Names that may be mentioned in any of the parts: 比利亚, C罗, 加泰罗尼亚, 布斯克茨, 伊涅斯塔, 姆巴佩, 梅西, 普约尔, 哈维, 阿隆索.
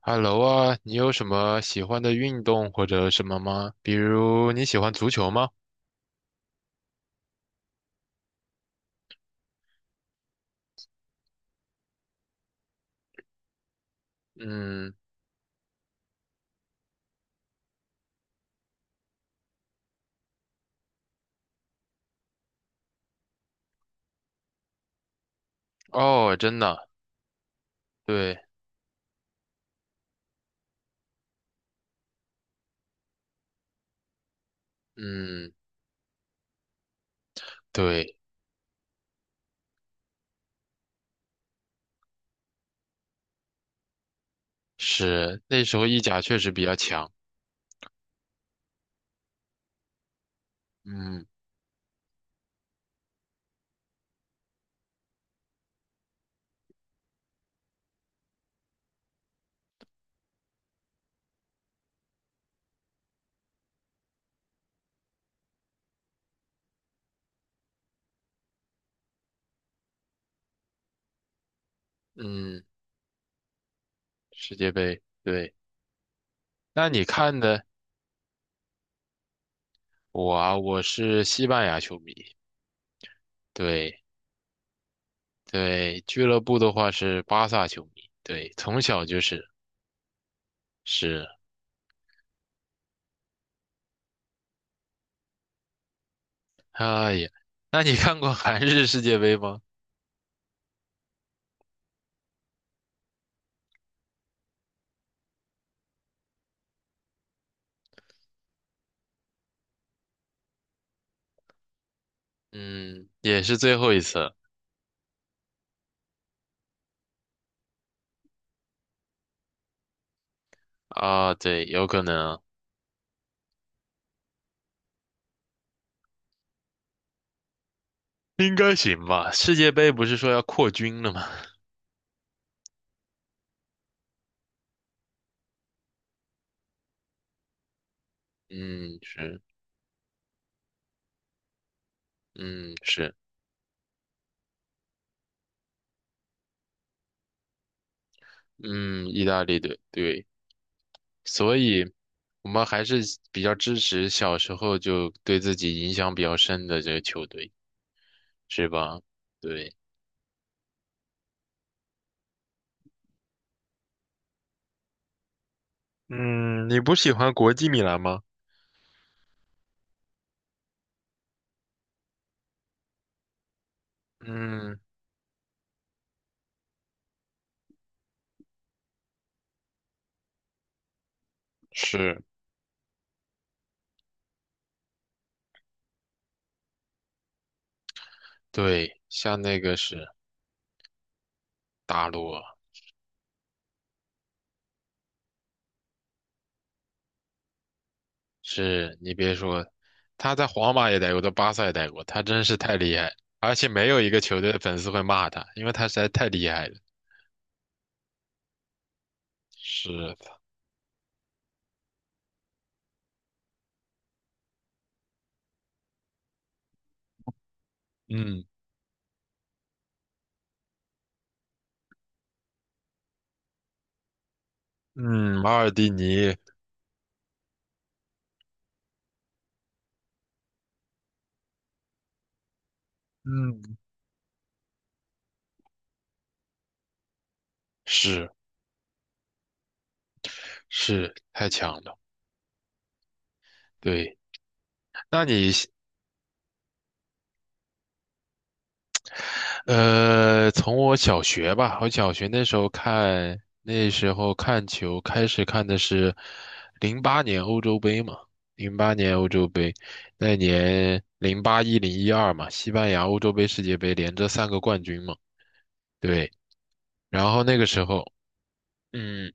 Hello 啊，你有什么喜欢的运动或者什么吗？比如你喜欢足球吗？嗯。哦，真的？对。嗯。对。是，那时候意甲确实比较强。嗯。嗯，世界杯，对。那你看的，我啊，我是西班牙球迷。对对。俱乐部的话是巴萨球迷，对，从小就是。是。哎呀，那你看过韩日世界杯吗？嗯，也是最后一次。啊，对，有可能啊。应该行吧？世界杯不是说要扩军了吗？嗯，是。嗯，是。嗯，意大利队，对。所以我们还是比较支持小时候就对自己影响比较深的这个球队，是吧？对。嗯，你不喜欢国际米兰吗？嗯，是。对，像那个是大陆。是你别说，他在皇马也待过，在巴萨也待过，他真是太厉害，而且没有一个球队的粉丝会骂他，因为他实在太厉害了。是的。嗯。嗯，马尔蒂尼。嗯。是，是太强了。对。那你，从我小学吧，我小学那时候看，那时候看球开始看的是零八年欧洲杯嘛，零八年欧洲杯。那年08、10、12嘛，西班牙欧洲杯、世界杯连着三个冠军嘛。对。然后那个时候，嗯，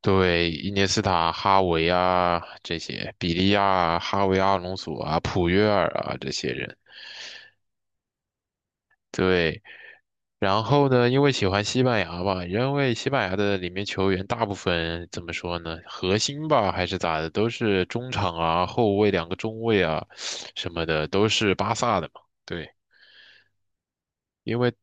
对，伊涅斯塔、哈维啊这些，比利亚啊哈维、阿隆索啊、普约尔啊这些人。对，然后呢，因为喜欢西班牙吧，因为西班牙的里面球员大部分怎么说呢，核心吧还是咋的，都是中场啊、后卫两个中卫啊什么的，都是巴萨的嘛。对，因为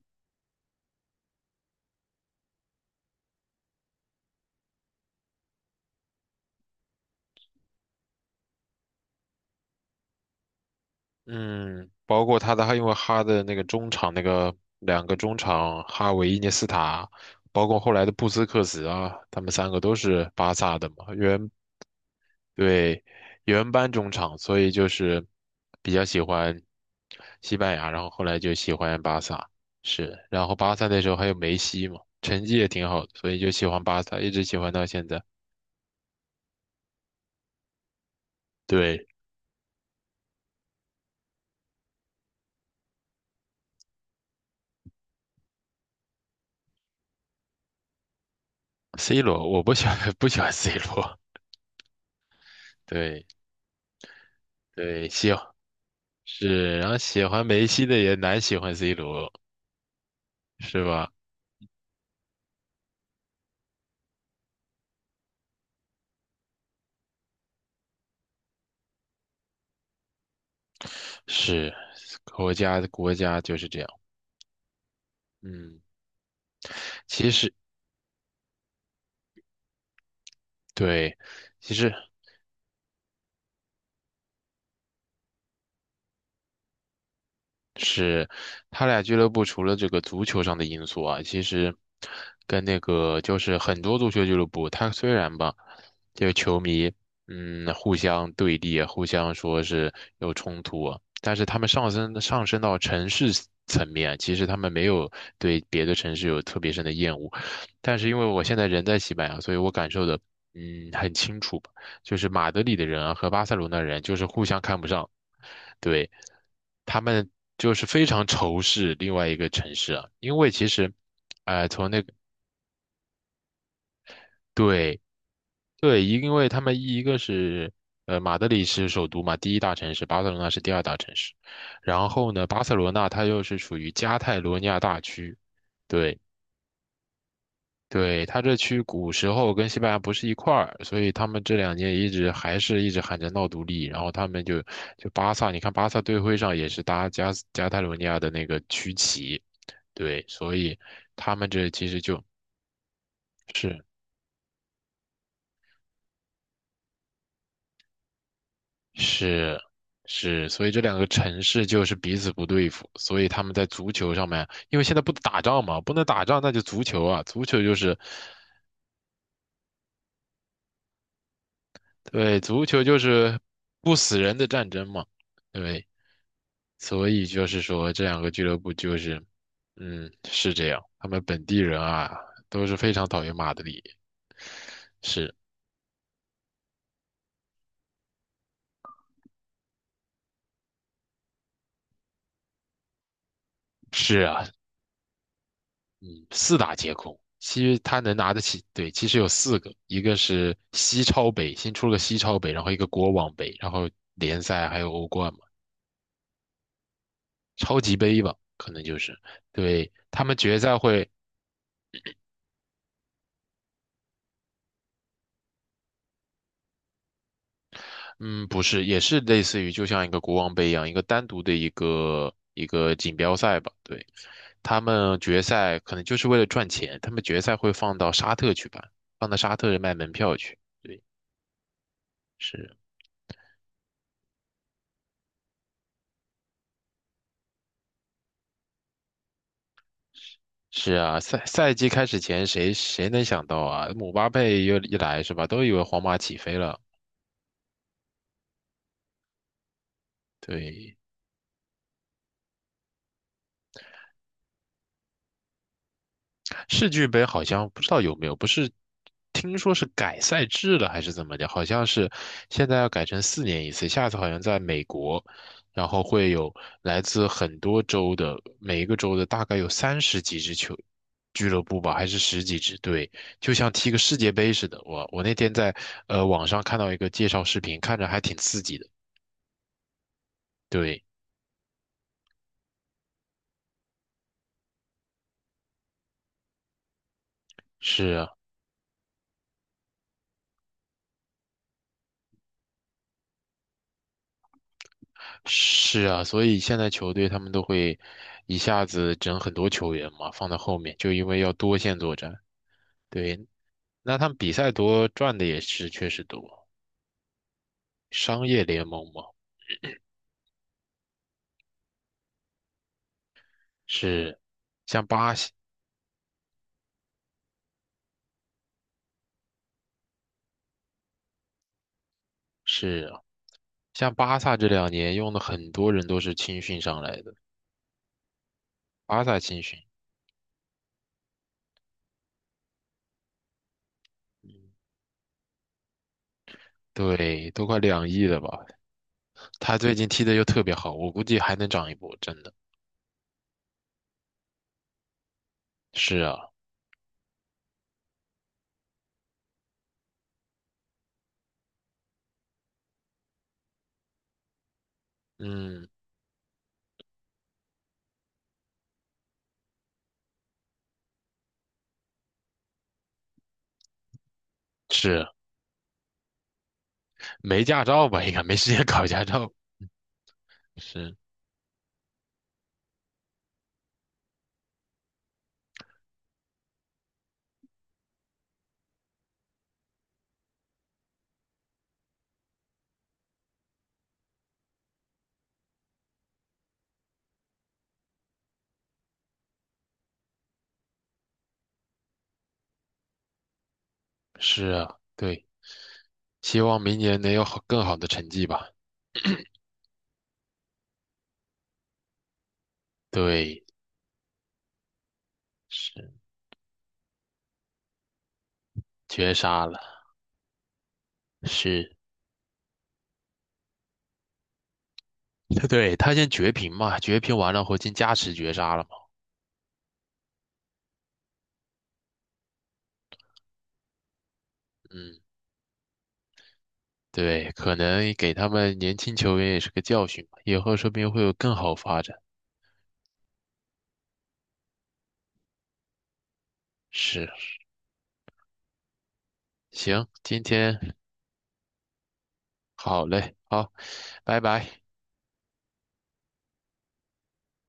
嗯，包括他的，他因为哈的那个中场那个两个中场哈维、伊涅斯塔，包括后来的布斯克茨啊，他们三个都是巴萨的嘛。原。对，原班中场，所以就是比较喜欢西班牙，然后后来就喜欢巴萨。是，然后巴萨那时候还有梅西嘛，成绩也挺好的，所以就喜欢巴萨，一直喜欢到现在。对。C 罗，我不喜欢 不喜欢 C 罗。对，对，喜欢。是，然后喜欢梅西的也难喜欢 C 罗，是吧？是，国家的国家就是这样。嗯，其实，对，其实。是他俩俱乐部除了这个足球上的因素啊，其实跟那个就是很多足球俱乐部，他虽然吧，这个球迷嗯互相对立啊，互相说是有冲突啊，但是他们上升到城市层面啊，其实他们没有对别的城市有特别深的厌恶。但是因为我现在人在西班牙，所以我感受的嗯很清楚吧，就是马德里的人啊和巴塞罗那人就是互相看不上。对，他们就是非常仇视另外一个城市啊。因为其实，哎，从那个，对。对，因为他们一个是马德里是首都嘛，第一大城市，巴塞罗那是第二大城市。然后呢，巴塞罗那它又是属于加泰罗尼亚大区。对。对，他这区古时候跟西班牙不是一块儿，所以他们这两年一直还是一直喊着闹独立，然后他们就就巴萨，你看巴萨队徽上也是搭加斯加泰罗尼亚的那个区旗。对，所以他们这其实就是。是。是，所以这两个城市就是彼此不对付，所以他们在足球上面，因为现在不打仗嘛，不能打仗，那就足球啊，足球就是。对，足球就是不死人的战争嘛。对，所以就是说，这两个俱乐部就是，嗯，是这样。他们本地人啊，都是非常讨厌马德里。是。是啊，嗯，四大皆空。其实他能拿得起，对，其实有四个，一个是西超杯，新出了个西超杯，然后一个国王杯，然后联赛还有欧冠嘛。超级杯吧，可能就是。对，他们决赛会嗯，不是，也是类似于就像一个国王杯一样，一个单独的一个锦标赛吧。对，他们决赛可能就是为了赚钱，他们决赛会放到沙特去办，放到沙特卖门票去。对。是。是啊，赛季开始前谁能想到啊？姆巴佩又一来是吧，都以为皇马起飞了。对，世俱杯好像不知道有没有，不是听说是改赛制了还是怎么的？好像是现在要改成4年一次，下次好像在美国，然后会有来自很多州的，每一个州的大概有30几支球俱乐部吧，还是10几支队，就像踢个世界杯似的。我那天在网上看到一个介绍视频，看着还挺刺激的。对。是啊。是啊，所以现在球队他们都会一下子整很多球员嘛，放在后面，就因为要多线作战。对。那他们比赛多赚的也是确实多，商业联盟嘛。是，像巴西，是啊，像巴萨这两年用的很多人都是青训上来的，巴萨青训。对，都快2亿了吧？他最近踢的又特别好，我估计还能涨一波，真的。是啊。嗯，是，没驾照吧？应该没时间 考驾照。是。是啊。对，希望明年能有更好的成绩吧。对，是，绝杀了。是。对，他先绝平嘛，绝平完了后进加时绝杀了嘛。嗯，对，可能给他们年轻球员也是个教训吧，以后说不定会有更好发展。是。行，今天。好嘞，好，拜拜。